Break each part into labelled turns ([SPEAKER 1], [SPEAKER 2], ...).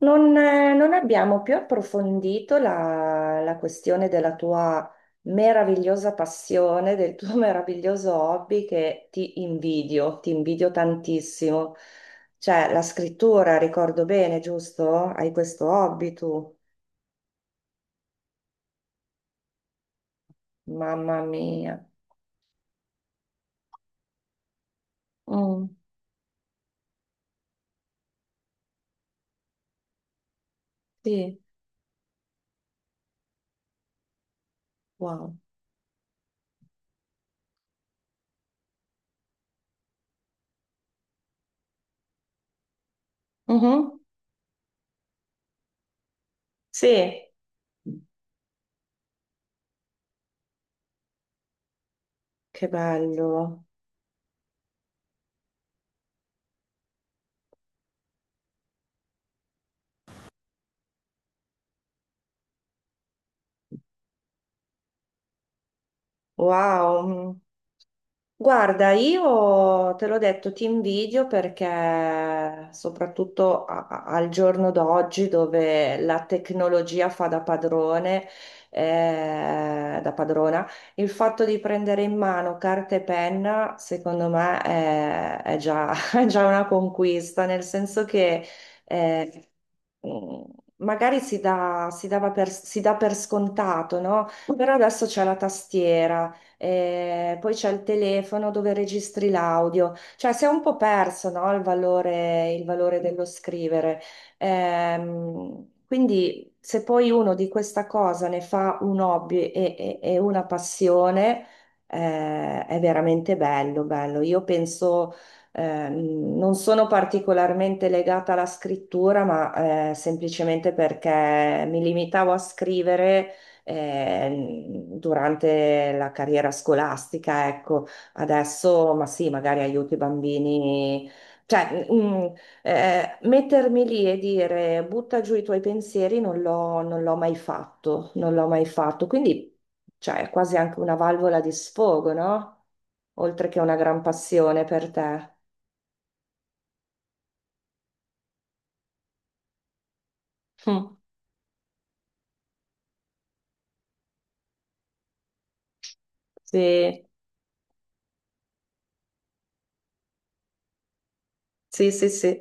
[SPEAKER 1] Non abbiamo più approfondito la questione della tua meravigliosa passione, del tuo meraviglioso hobby che ti invidio tantissimo. Cioè, la scrittura, ricordo bene, giusto? Hai questo hobby tu? Mamma mia. Mm, sì, wow. Mhm, sì, che bello. Wow. Guarda, io te l'ho detto, ti invidio perché soprattutto al giorno d'oggi dove la tecnologia fa da padrone, da padrona, il fatto di prendere in mano carta e penna, secondo me, è già una conquista, nel senso che eh, mm, magari si dà per scontato, no? Però adesso c'è la tastiera, poi c'è il telefono dove registri l'audio, cioè si è un po' perso, no, il valore dello scrivere. Quindi se poi uno di questa cosa ne fa un hobby e una passione, è veramente bello, bello. Io penso. Non sono particolarmente legata alla scrittura, ma semplicemente perché mi limitavo a scrivere eh, durante la carriera scolastica, ecco. Adesso, ma sì, magari aiuto i bambini, cioè, mettermi lì e dire butta giù i tuoi pensieri non l'ho mai fatto, non l'ho mai fatto, quindi cioè, è quasi anche una valvola di sfogo, no? Oltre che una gran passione per te. Mm. Sì, sì, sì, sì,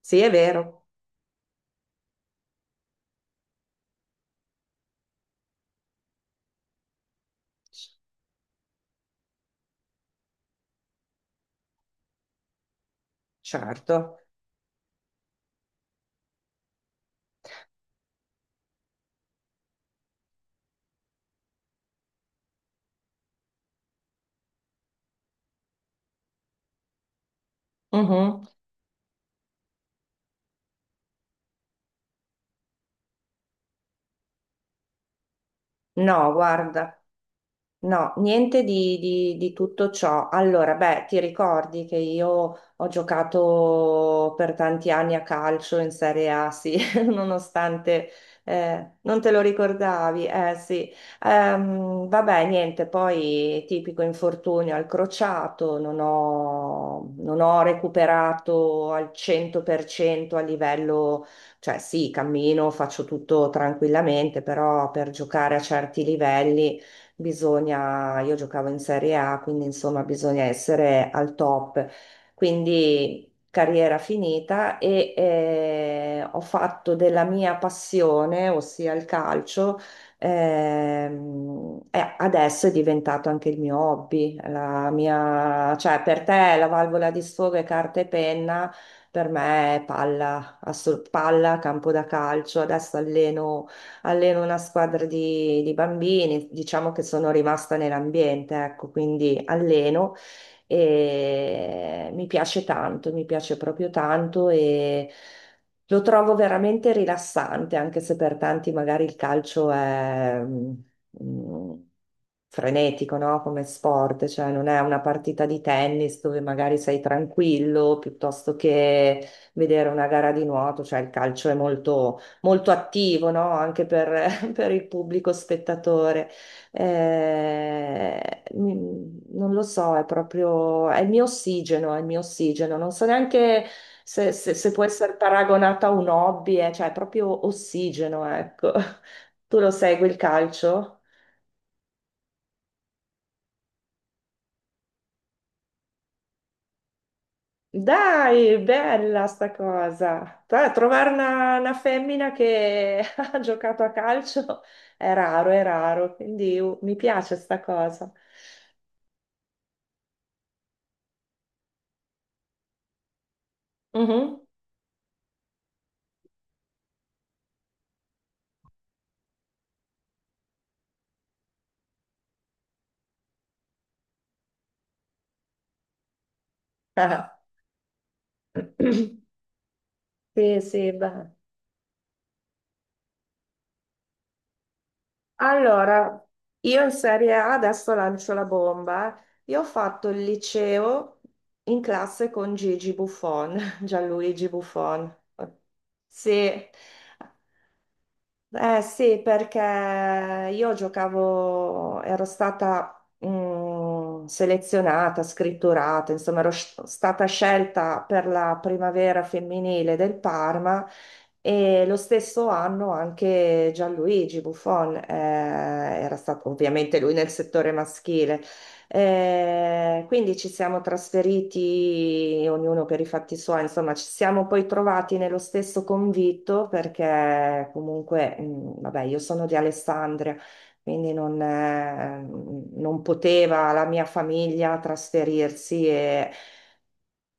[SPEAKER 1] sì, è vero, certo. Mhm. No, guarda. No, niente di tutto ciò. Allora, beh, ti ricordi che io ho giocato per tanti anni a calcio in Serie A, sì, nonostante non te lo ricordavi, eh sì. Vabbè, niente, poi tipico infortunio al crociato, non ho recuperato al 100% a livello, cioè sì, cammino, faccio tutto tranquillamente, però per giocare a certi livelli bisogna, io giocavo in Serie A, quindi insomma bisogna essere al top. Quindi carriera finita e ho fatto della mia passione, ossia il calcio, e adesso è diventato anche il mio hobby, la mia, cioè per te la valvola di sfogo è carta e penna. Per me è palla, palla, campo da calcio. Adesso alleno una squadra di bambini, diciamo che sono rimasta nell'ambiente, ecco, quindi alleno e mi piace tanto, mi piace proprio tanto e lo trovo veramente rilassante, anche se per tanti magari il calcio è... mm, frenetico, no? Come sport, cioè non è una partita di tennis dove magari sei tranquillo piuttosto che vedere una gara di nuoto, cioè il calcio è molto molto attivo, no? Anche per, per il pubblico spettatore. Non lo so, è proprio, è il mio ossigeno, è il mio ossigeno. Non so neanche se può essere paragonata a un hobby. Cioè, è proprio ossigeno, ecco. Tu lo segui il calcio? Dai, bella sta cosa. Trovare una femmina che ha giocato a calcio è raro, quindi mi piace sta cosa. Mhm. Ah. Sì, sì, beh. Allora, io in Serie A adesso lancio la bomba. Io ho fatto il liceo in classe con Gigi Buffon, Gianluigi Buffon. Sì, eh sì, perché io giocavo, ero stata selezionata, scritturata, insomma, ero stata scelta per la primavera femminile del Parma e lo stesso anno anche Gianluigi Buffon era stato, ovviamente lui nel settore maschile, quindi ci siamo trasferiti, ognuno per i fatti suoi, insomma, ci siamo poi trovati nello stesso convitto perché comunque, vabbè, io sono di Alessandria, quindi non poteva la mia famiglia trasferirsi e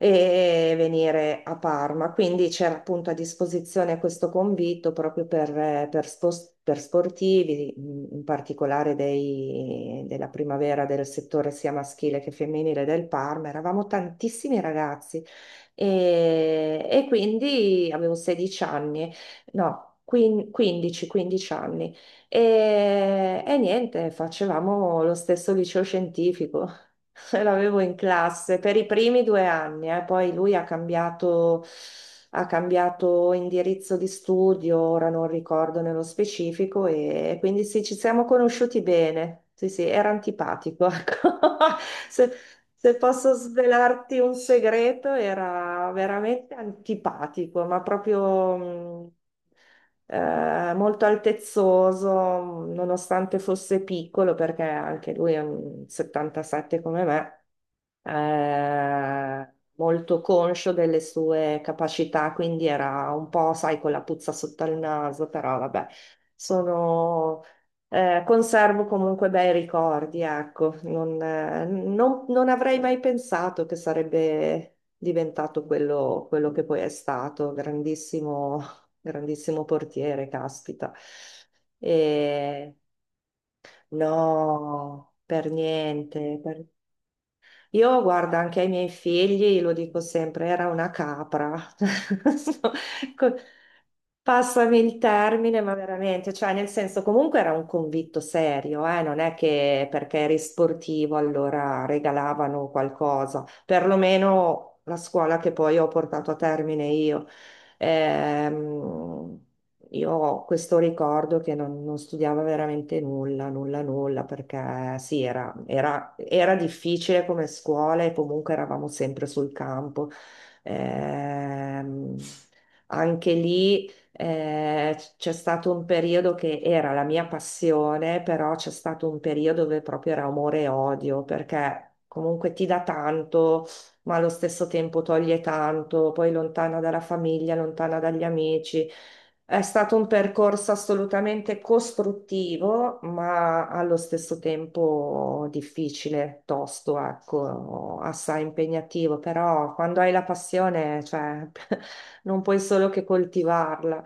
[SPEAKER 1] e venire a Parma. Quindi c'era appunto a disposizione questo convitto proprio per sportivi, in particolare della primavera del settore sia maschile che femminile del Parma. Eravamo tantissimi ragazzi e quindi avevo 16 anni, no, 15, 15 anni. E niente, facevamo lo stesso liceo scientifico. L'avevo in classe per i primi 2 anni. Poi lui ha cambiato indirizzo di studio, ora non ricordo nello specifico, e quindi sì, ci siamo conosciuti bene. Sì, sì, era antipatico, ecco. Se, se posso svelarti un segreto, era veramente antipatico, ma proprio... molto altezzoso, nonostante fosse piccolo, perché anche lui è un 77 come me, molto conscio delle sue capacità, quindi era un po', sai, con la puzza sotto il naso, però vabbè, sono, conservo comunque bei ricordi, ecco, non avrei mai pensato che sarebbe diventato quello, quello che poi è stato, grandissimo, grandissimo portiere, caspita. E... No, per niente. Io guardo anche ai miei figli, lo dico sempre, era una capra. Co- Passami il termine, ma veramente, cioè nel senso comunque era un convitto serio, eh? Non è che perché eri sportivo allora regalavano qualcosa, perlomeno la scuola che poi ho portato a termine io. Ehm, io ho questo ricordo che non studiavo veramente nulla, nulla, nulla, perché sì, era difficile come scuola e comunque eravamo sempre sul campo. Ehm, Anche lì c'è stato un periodo che era la mia passione, però c'è stato un periodo dove proprio era amore e odio, perché comunque ti dà tanto, ma allo stesso tempo toglie tanto, poi lontana dalla famiglia, lontana dagli amici. È stato un percorso assolutamente costruttivo, ma allo stesso tempo difficile, tosto, ecco, assai impegnativo, però quando hai la passione, cioè, non puoi solo che coltivarla.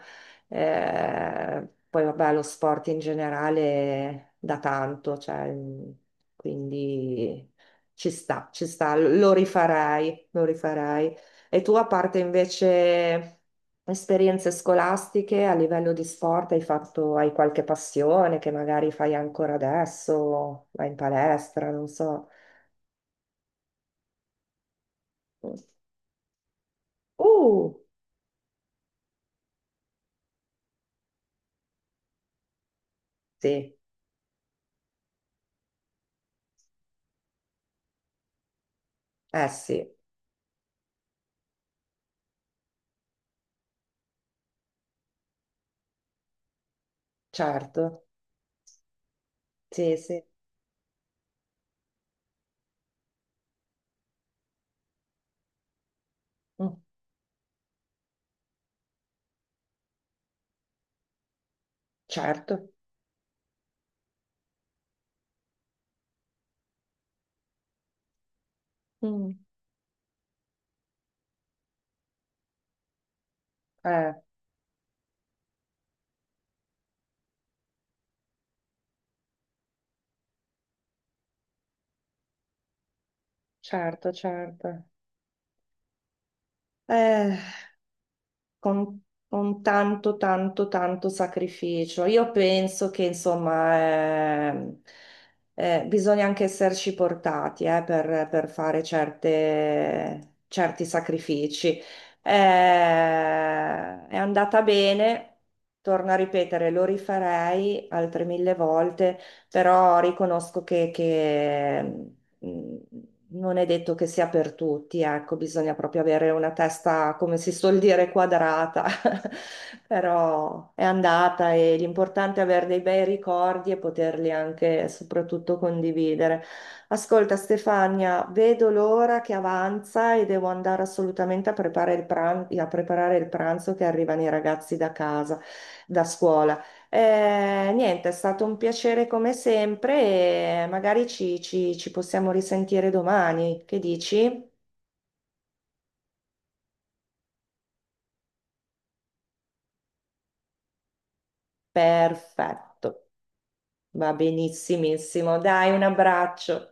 [SPEAKER 1] Poi vabbè, lo sport in generale da tanto, cioè, quindi ci sta, lo rifarei, lo rifarei. E tu, a parte invece esperienze scolastiche a livello di sport, hai qualche passione che magari fai ancora adesso, vai in palestra, non so. Uh, sì, eh sì, certo, sì, sì, mm, certo. Mm. Eh. Certo, certo. Eh, con, con tanto, tanto, tanto sacrificio. Io penso che, insomma, ehm, bisogna anche esserci portati, per fare certi sacrifici. È andata bene, torno a ripetere, lo rifarei altre mille volte, però riconosco che, mm, non è detto che sia per tutti, ecco, bisogna proprio avere una testa, come si suol dire, quadrata, però è andata e l'importante è avere dei bei ricordi e poterli anche soprattutto condividere. Ascolta Stefania, vedo l'ora che avanza e devo andare assolutamente a preparare il pranzo che arrivano i ragazzi da casa, da scuola. Niente, è stato un piacere come sempre e magari ci possiamo risentire domani. Che dici? Perfetto, va benissimissimo. Dai, un abbraccio.